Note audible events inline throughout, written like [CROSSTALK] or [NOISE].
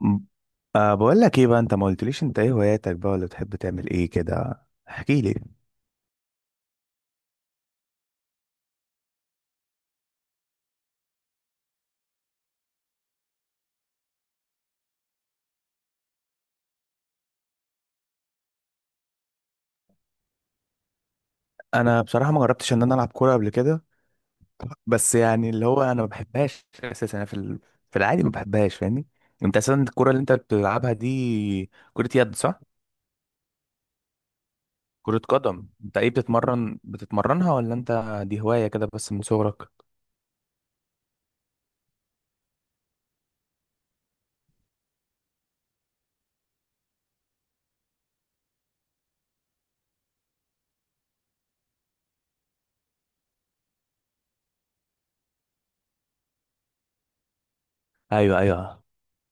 م- أه بقول لك ايه بقى؟ انت ما قلتليش انت ايه هواياتك بقى، ولا بتحب تعمل ايه كده. احكي لي. انا بصراحه ما جربتش ان انا العب كوره قبل كده. بس يعني اللي هو انا ما بحبهاش اساسا. انا في في العادي ما بحبهاش، فاهمني؟ انت اساسا الكوره اللي انت بتلعبها دي كره يد صح؟ كره قدم، انت ايه، بتتمرنها ولا انت دي هوايه كده بس من صغرك؟ ايوه ايوه.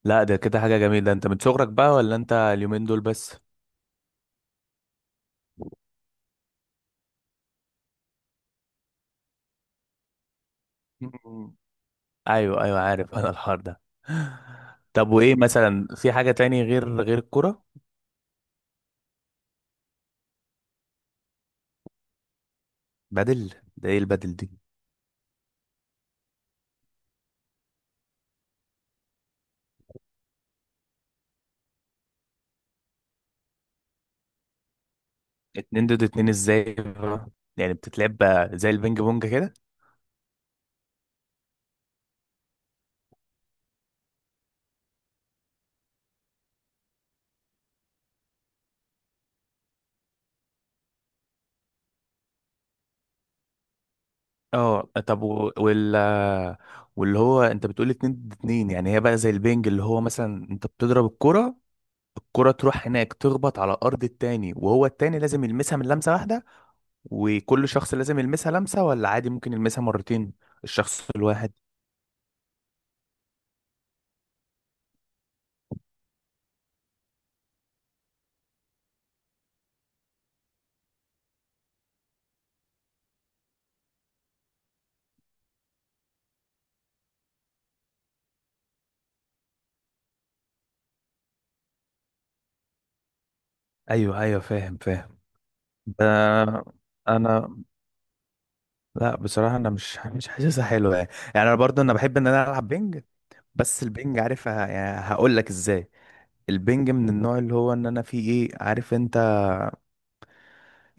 لا ده كده حاجه جميله. انت من صغرك بقى ولا انت اليومين دول بس؟ [LAUGHS] ايوه ايوه، عارف انا الحوار ده. طب وايه مثلا، في حاجة تاني غير الكرة؟ بدل؟ ده ايه البدل دي؟ اتنين ضد اتنين ازاي بقى؟ يعني بتتلعب زي البينج بونج كده؟ اه طب وال واللي هو انت بتقول اتنين ضد اتنين، يعني هي بقى زي البينج، اللي هو مثلا انت بتضرب الكرة، الكرة تروح هناك تخبط على ارض التاني، وهو التاني لازم يلمسها من لمسة واحدة. وكل شخص لازم يلمسها لمسة، ولا عادي ممكن يلمسها مرتين الشخص الواحد؟ ايوه ايوه، فاهم فاهم. ب... انا، لا بصراحه انا مش حاسسها حلوه يعني. يعني انا برضو انا بحب ان انا العب بينج، بس البينج، عارف يعني هقول لك ازاي، البينج من النوع اللي هو ان انا فيه ايه، عارف انت؟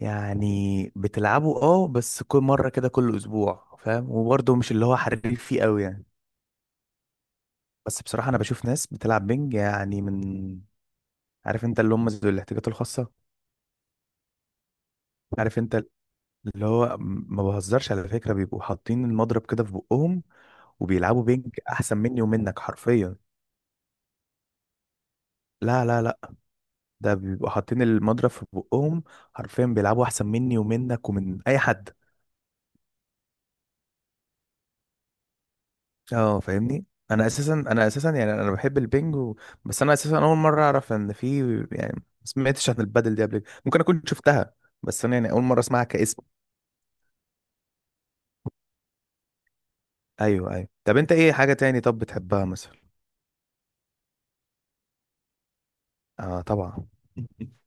يعني بتلعبه اه، بس كل مره كده كل اسبوع، فاهم، وبرضو مش اللي هو حريف فيه قوي يعني. بس بصراحه انا بشوف ناس بتلعب بينج يعني من، عارف انت، اللي هم ذو الاحتياجات الخاصه. عارف انت، اللي هو ما بهزرش على فكره، بيبقوا حاطين المضرب كده في بقهم، وبيلعبوا بينج احسن مني ومنك حرفيا. لا لا لا، ده بيبقوا حاطين المضرب في بقهم، حرفيا بيلعبوا احسن مني ومنك ومن اي حد. اه فاهمني. انا اساسا، انا بحب البينج بس انا اساسا اول مره اعرف ان في، يعني ما سمعتش عن البادل دي قبل كده. ممكن اكون شفتها، بس انا يعني اول مره اسمعها كاسم. ايوه ايوه. طب انت ايه حاجه تاني طب بتحبها مثلا؟ اه طبعا. [LAUGHS]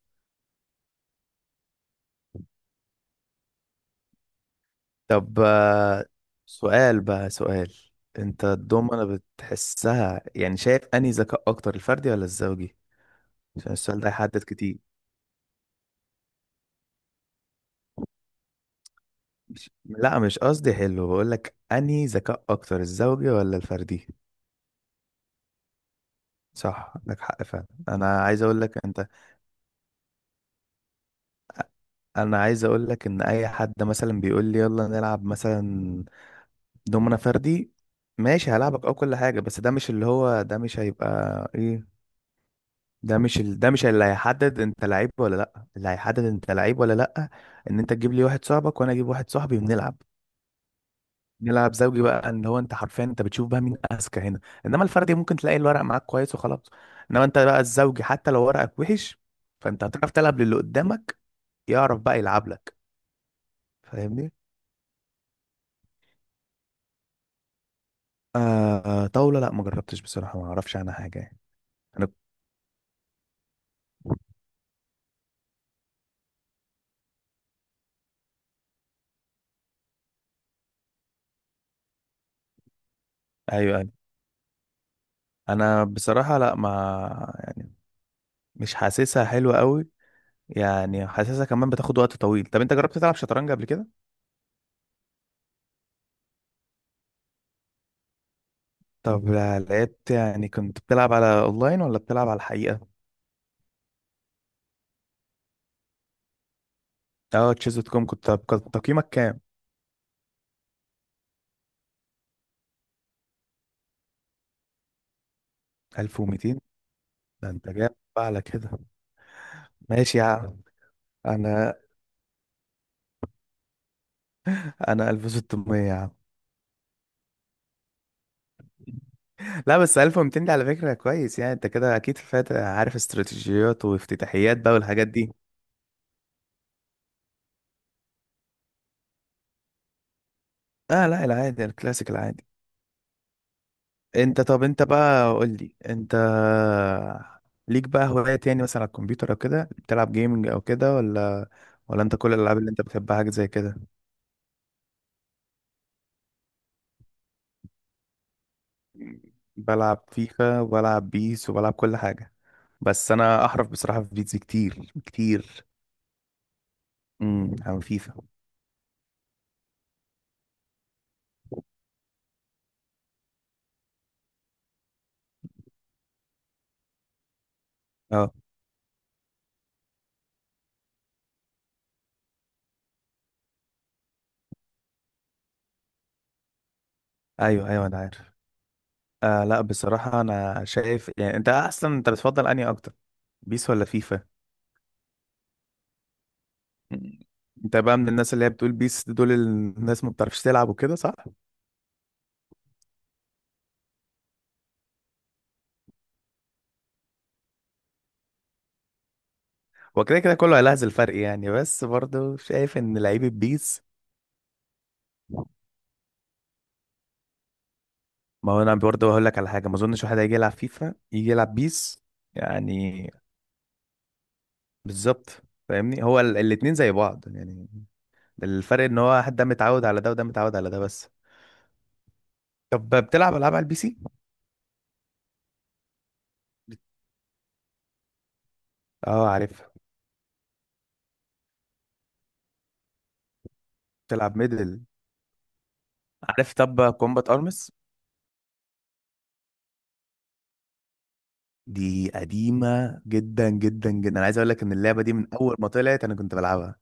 طب سؤال بقى سؤال. انت الدومنة بتحسها يعني، شايف انهي ذكاء اكتر، الفردي ولا الزوجي؟ عشان السؤال ده يحدد كتير. مش... لا مش قصدي حلو، بقول لك انهي ذكاء اكتر، الزوجي ولا الفردي؟ صح، عندك حق فعلا. انا عايز اقول لك انت، انا عايز اقول لك ان اي حد مثلا بيقول لي يلا نلعب مثلا دومنة فردي، ماشي هلعبك او كل حاجة، بس ده مش اللي هو ده مش هيبقى ايه، ده مش ده مش اللي هيحدد انت لعيب ولا لا. اللي هيحدد انت لعيب ولا لا ان انت تجيب لي واحد صاحبك وانا اجيب واحد صاحبي ونلعب. نلعب زوجي بقى، ان هو انت حرفيا انت بتشوف بقى مين اذكى هنا. انما الفردي ممكن تلاقي الورق معاك كويس وخلاص. انما انت بقى الزوجي حتى لو ورقك وحش، فانت هتعرف تلعب للي قدامك، يعرف بقى يلعب لك. فاهمني. آه طاولة، لا ما جربتش بصراحة، ما اعرفش عنها حاجة يعني. انا ايوه انا أنا بصراحة لا ما يعني، مش حاسسها حلوة قوي. يعني حاسسها كمان بتاخد وقت طويل. طب انت جربت تلعب شطرنج قبل كده؟ طب لعبت يعني، كنت بتلعب على اونلاين ولا بتلعب على الحقيقة؟ اه تشيز دوت كوم، كنت كان تقييمك كام؟ 1200؟ ده انت جايب [LAUGHS] بقى على كده. ماشي يا عم. [LAUGHS] انا انا 1600 يا عم. لا بس 1200 دي على فكرة كويس يعني، انت كده اكيد فات، عارف استراتيجيات وافتتاحيات بقى والحاجات دي. اه لا العادي، الكلاسيك العادي. انت طب انت بقى قول لي انت، ليك بقى هوايات يعني مثلا على الكمبيوتر او كده، بتلعب جيمنج او كده، ولا ولا انت كل الالعاب اللي انت بتحبها حاجه زي كده؟ بلعب فيفا وبلعب بيس وبلعب كل حاجه. بس انا احرف بصراحه في بيس كتير عن فيفا. اه ايوه ايوه، انا عارف. آه لا بصراحه انا شايف يعني، انت اصلا انت بتفضل انهي اكتر، بيس ولا فيفا؟ مم. انت بقى من الناس اللي هي بتقول بيس دول الناس ما بتعرفش تلعب وكده صح؟ هو كده كده كله هيلاحظ الفرق يعني، بس برضه شايف ان لعيب البيس. ما هو انا برضه هقول لك على حاجه، ما اظنش واحد هيجي يلعب فيفا يجي يلعب بيس يعني. بالظبط. فاهمني، الاتنين زي بعض يعني. الفرق ان هو حد ده متعود على ده وده متعود على ده بس. طب بتلعب العاب على البي سي؟ اه عارفها. بتلعب ميدل؟ عارف؟ طب كومبات ارمس، دي قديمه جدا جدا جدا. انا عايز اقول لك ان اللعبه دي من اول ما طلعت انا كنت بلعبها.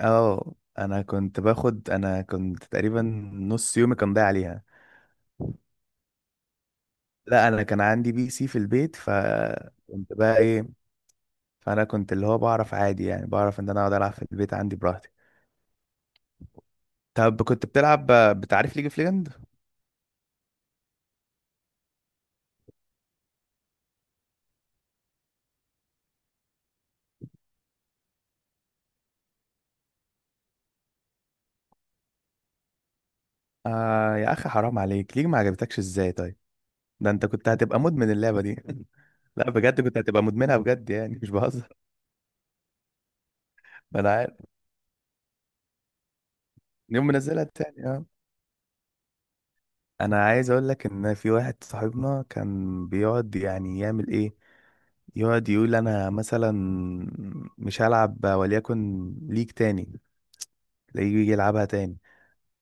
اه انا كنت باخد، انا كنت تقريبا نص يومي كان ضايع عليها. لا انا كان عندي بي سي في البيت، فكنت بقى ايه، فانا كنت اللي هو بعرف عادي يعني، بعرف ان انا اقعد العب في البيت عندي براحتي. طب كنت بتلعب، بتعرف ليج اوف ليجند؟ آه يا اخي حرام عليك، ليه ما عجبتكش ازاي طيب؟ ده انت كنت هتبقى مدمن اللعبة دي. [LAUGHS] لا بجد كنت هتبقى مدمنها بجد يعني، مش بهزر. ما انا عارف. يوم منزلها التاني آه. انا عايز اقول لك ان في واحد صاحبنا كان بيقعد يعني يعمل ايه، يقعد يقول انا مثلا مش هلعب وليكن ليج تاني، تلاقيه يجي يلعبها تاني.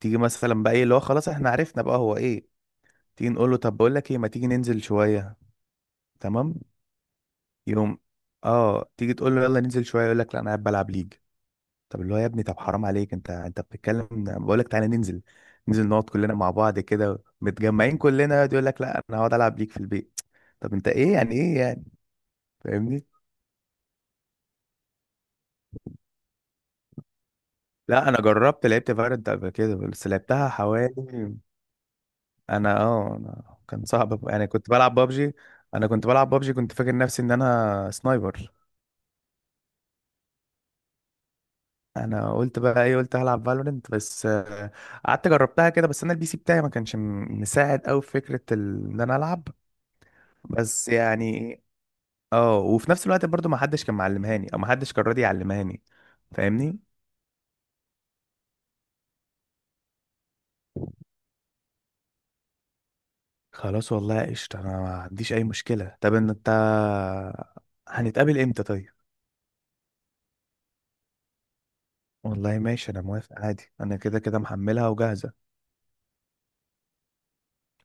تيجي مثلا بقى ايه اللي هو خلاص احنا عرفنا بقى هو ايه، تيجي نقول له طب بقول لك ايه، ما تيجي ننزل شويه، تمام؟ يوم، اه تيجي تقول له يلا ننزل شويه، يقول لك لا انا قاعد بلعب ليج. طب اللي هو يا ابني طب حرام عليك، انت بتتكلم بقول لك تعالى ننزل، ننزل نقعد كلنا مع بعض كده متجمعين كلنا، يقعد يقول لك لا انا هقعد العب ليك في البيت. طب انت ايه يعني، ايه يعني؟ فاهمني. لا انا جربت لعبت فالورانت قبل كده، بس لعبتها حوالي، انا كان صعب يعني، كنت بلعب بابجي. انا كنت بلعب بابجي كنت فاكر نفسي ان انا سنايبر. انا قلت بقى ايه، قلت هلعب فالورنت، بس قعدت جربتها كده، بس انا البي سي بتاعي ما كانش مساعد قوي في فكره ان انا العب. بس يعني اه، وفي نفس الوقت برضو ما حدش كان معلمهاني، او ما حدش كان راضي يعلمهاني، فاهمني. خلاص والله قشطة، انا ما عنديش اي مشكلة. طب ان انت هنتقابل امتى طيب؟ والله ماشي، انا موافق عادي، انا كده كده محملها وجاهزة.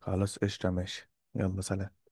خلاص قشطة، ماشي، يلا سلام.